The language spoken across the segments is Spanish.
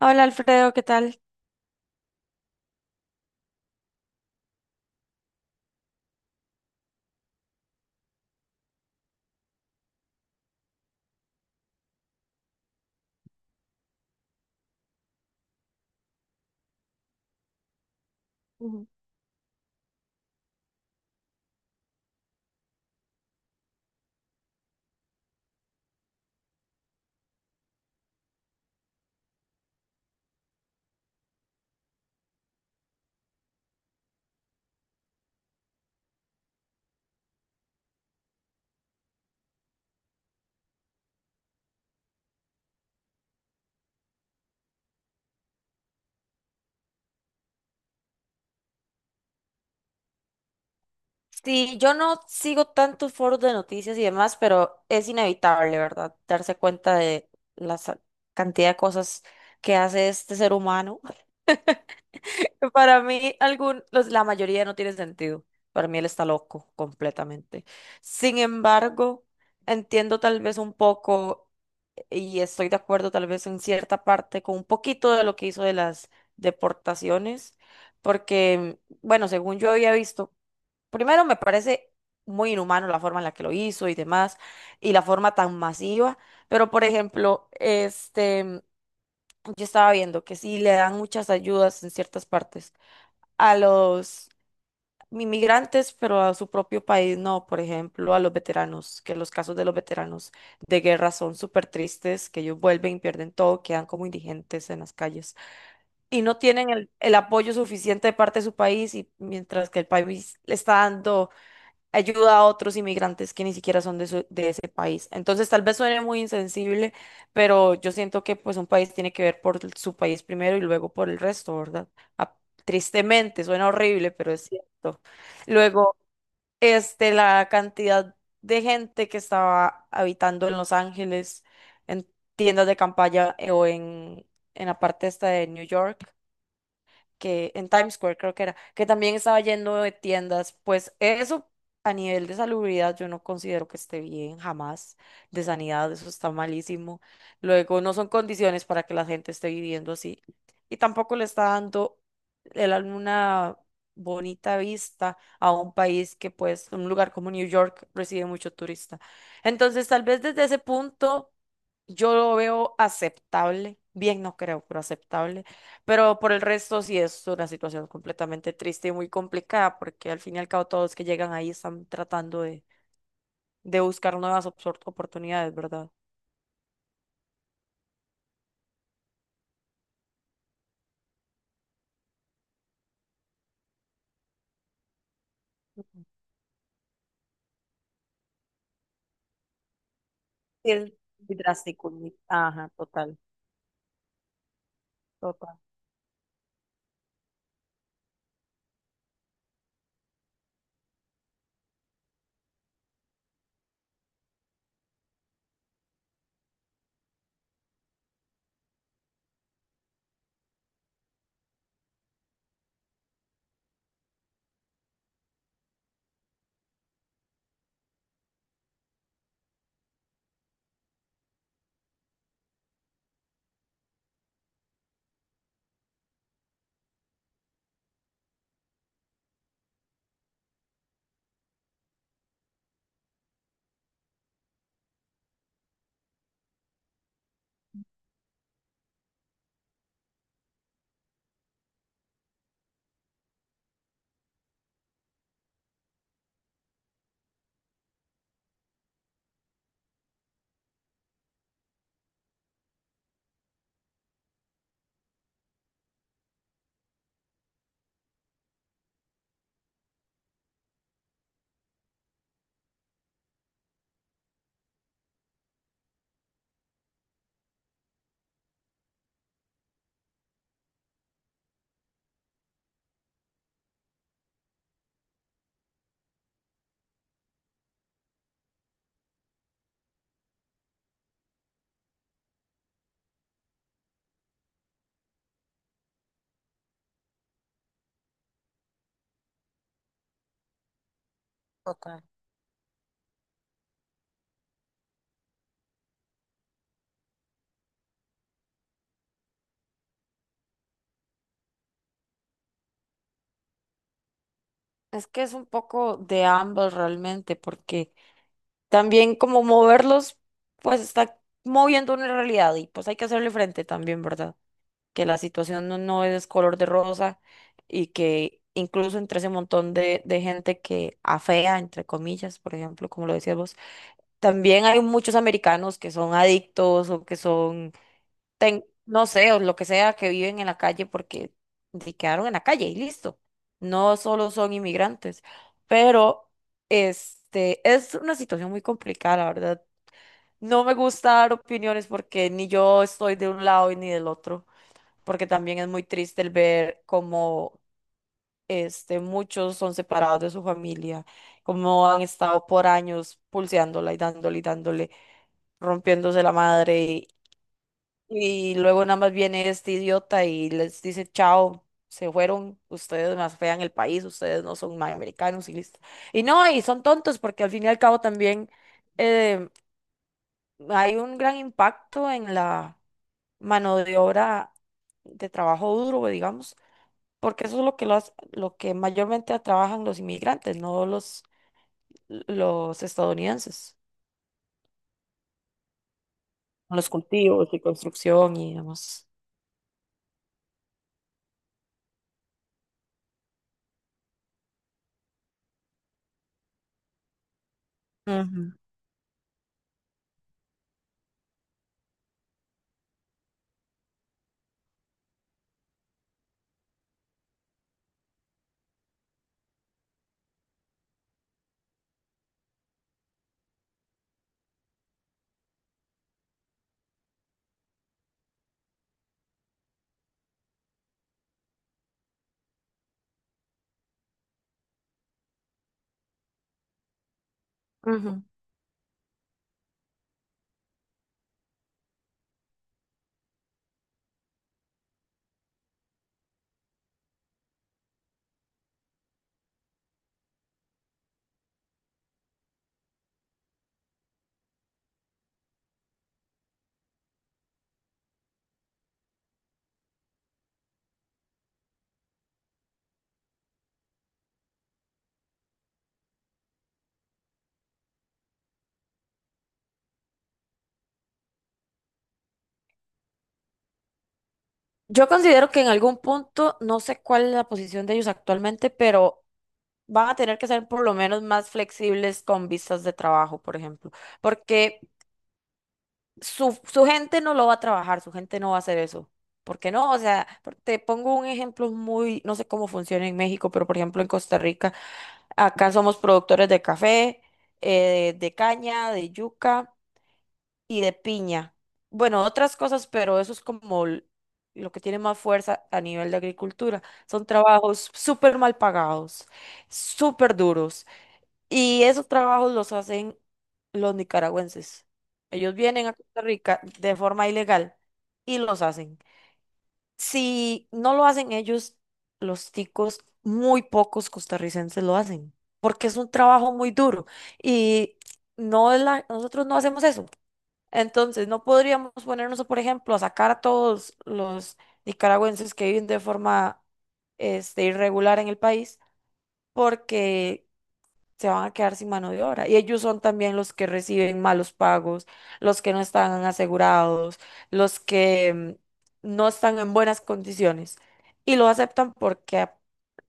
Hola Alfredo, ¿qué tal? Sí, yo no sigo tantos foros de noticias y demás, pero es inevitable, ¿verdad? Darse cuenta de la sa- cantidad de cosas que hace este ser humano. Para mí, la mayoría no tiene sentido. Para mí él está loco completamente. Sin embargo, entiendo tal vez un poco y estoy de acuerdo tal vez en cierta parte con un poquito de lo que hizo de las deportaciones, porque, bueno, según yo había visto. Primero, me parece muy inhumano la forma en la que lo hizo y demás, y la forma tan masiva. Pero, por ejemplo, yo estaba viendo que sí le dan muchas ayudas en ciertas partes a los inmigrantes, pero a su propio país no. Por ejemplo, a los veteranos, que los casos de los veteranos de guerra son súper tristes, que ellos vuelven, pierden todo, quedan como indigentes en las calles y no tienen el apoyo suficiente de parte de su país, y mientras que el país le está dando ayuda a otros inmigrantes que ni siquiera son de ese país. Entonces, tal vez suene muy insensible, pero yo siento que pues un país tiene que ver por su país primero y luego por el resto, ¿verdad? Ah, tristemente, suena horrible, pero es cierto. Luego, este, la cantidad de gente que estaba habitando en Los Ángeles, en tiendas de campaña o en la parte esta de New York que en Times Square creo que era, que también estaba lleno de tiendas, pues eso a nivel de salubridad yo no considero que esté bien jamás, de sanidad eso está malísimo. Luego no son condiciones para que la gente esté viviendo así y tampoco le está dando una bonita vista a un país que pues un lugar como New York recibe mucho turista. Entonces tal vez desde ese punto yo lo veo aceptable, bien no creo, pero aceptable. Pero por el resto sí es una situación completamente triste y muy complicada porque al fin y al cabo todos que llegan ahí están tratando de buscar nuevas oportunidades, ¿verdad? Sí, es muy drástico, muy- ajá, total, total, total. Es que es un poco de ambos realmente porque también como moverlos, pues está moviendo una realidad y pues hay que hacerle frente también, ¿verdad? Que la situación no es color de rosa y que incluso entre ese montón de gente que afea, entre comillas, por ejemplo, como lo decías vos, también hay muchos americanos que son adictos o que son, ten- no sé, o lo que sea, que viven en la calle porque se quedaron en la calle y listo. No solo son inmigrantes, pero este es una situación muy complicada, la verdad. No me gusta dar opiniones porque ni yo estoy de un lado y ni del otro porque también es muy triste el ver cómo este, muchos son separados de su familia, cómo han estado por años pulseándola y dándole, rompiéndose la madre y luego nada más viene este idiota y les dice chao. Se fueron, ustedes más fean el país, ustedes no son más americanos y listo. Y no, y son tontos porque al fin y al cabo también eh, hay un gran impacto en la mano de obra de trabajo duro, digamos. Porque eso es lo que mayormente trabajan los inmigrantes, no los estadounidenses, con los cultivos y construcción y demás. Ujú. Ujú. Yo considero que en algún punto, no sé cuál es la posición de ellos actualmente, pero van a tener que ser por lo menos más flexibles con visas de trabajo, por ejemplo, porque su gente no lo va a trabajar, su gente no va a hacer eso. ¿Por qué no? O sea, por- te pongo un ejemplo muy, no sé cómo funciona en México, pero por ejemplo en Costa Rica, acá somos productores de café, de caña, de yuca y de piña. Bueno, otras cosas, pero eso es como lo que tiene más fuerza a nivel de agricultura. Son trabajos súper mal pagados, súper duros. Y esos trabajos los hacen los nicaragüenses. Ellos vienen a Costa Rica de forma ilegal y los hacen. Si no lo hacen ellos, los ticos, muy pocos costarricenses lo hacen, porque es un trabajo muy duro y no es nosotros no hacemos eso. Entonces, no podríamos ponernos, por ejemplo, a sacar a todos los nicaragüenses que viven de forma este, irregular en el país, porque se van a quedar sin mano de obra. Y ellos son también los que reciben malos pagos, los que no están asegurados, los que no están en buenas condiciones. Y lo aceptan porque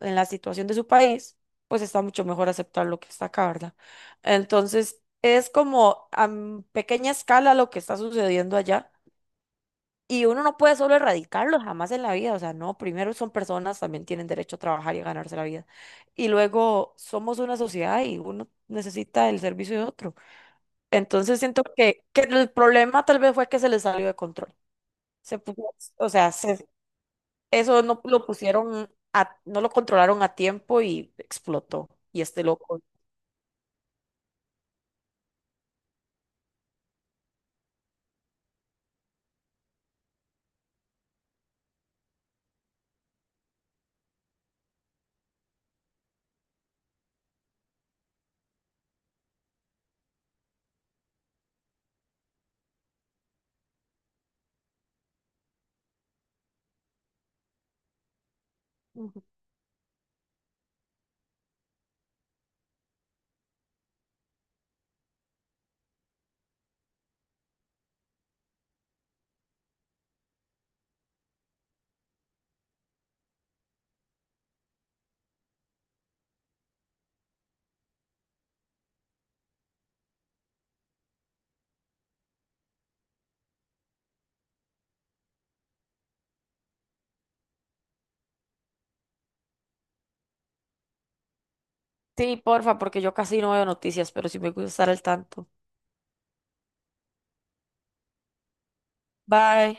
en la situación de su país, pues está mucho mejor aceptar lo que está acá, ¿verdad? Entonces, es como a pequeña escala lo que está sucediendo allá, y uno no puede solo erradicarlos jamás en la vida, o sea, no, primero son personas, también tienen derecho a trabajar y a ganarse la vida. Y luego somos una sociedad y uno necesita el servicio de otro. Entonces siento que el problema tal vez fue que se les salió de control. Se puso- o sea, se- Eso no lo pusieron no lo controlaron a tiempo y explotó. Y este loco. Ujú. Sí, porfa, porque yo casi no veo noticias, pero sí me gusta estar al tanto. Bye.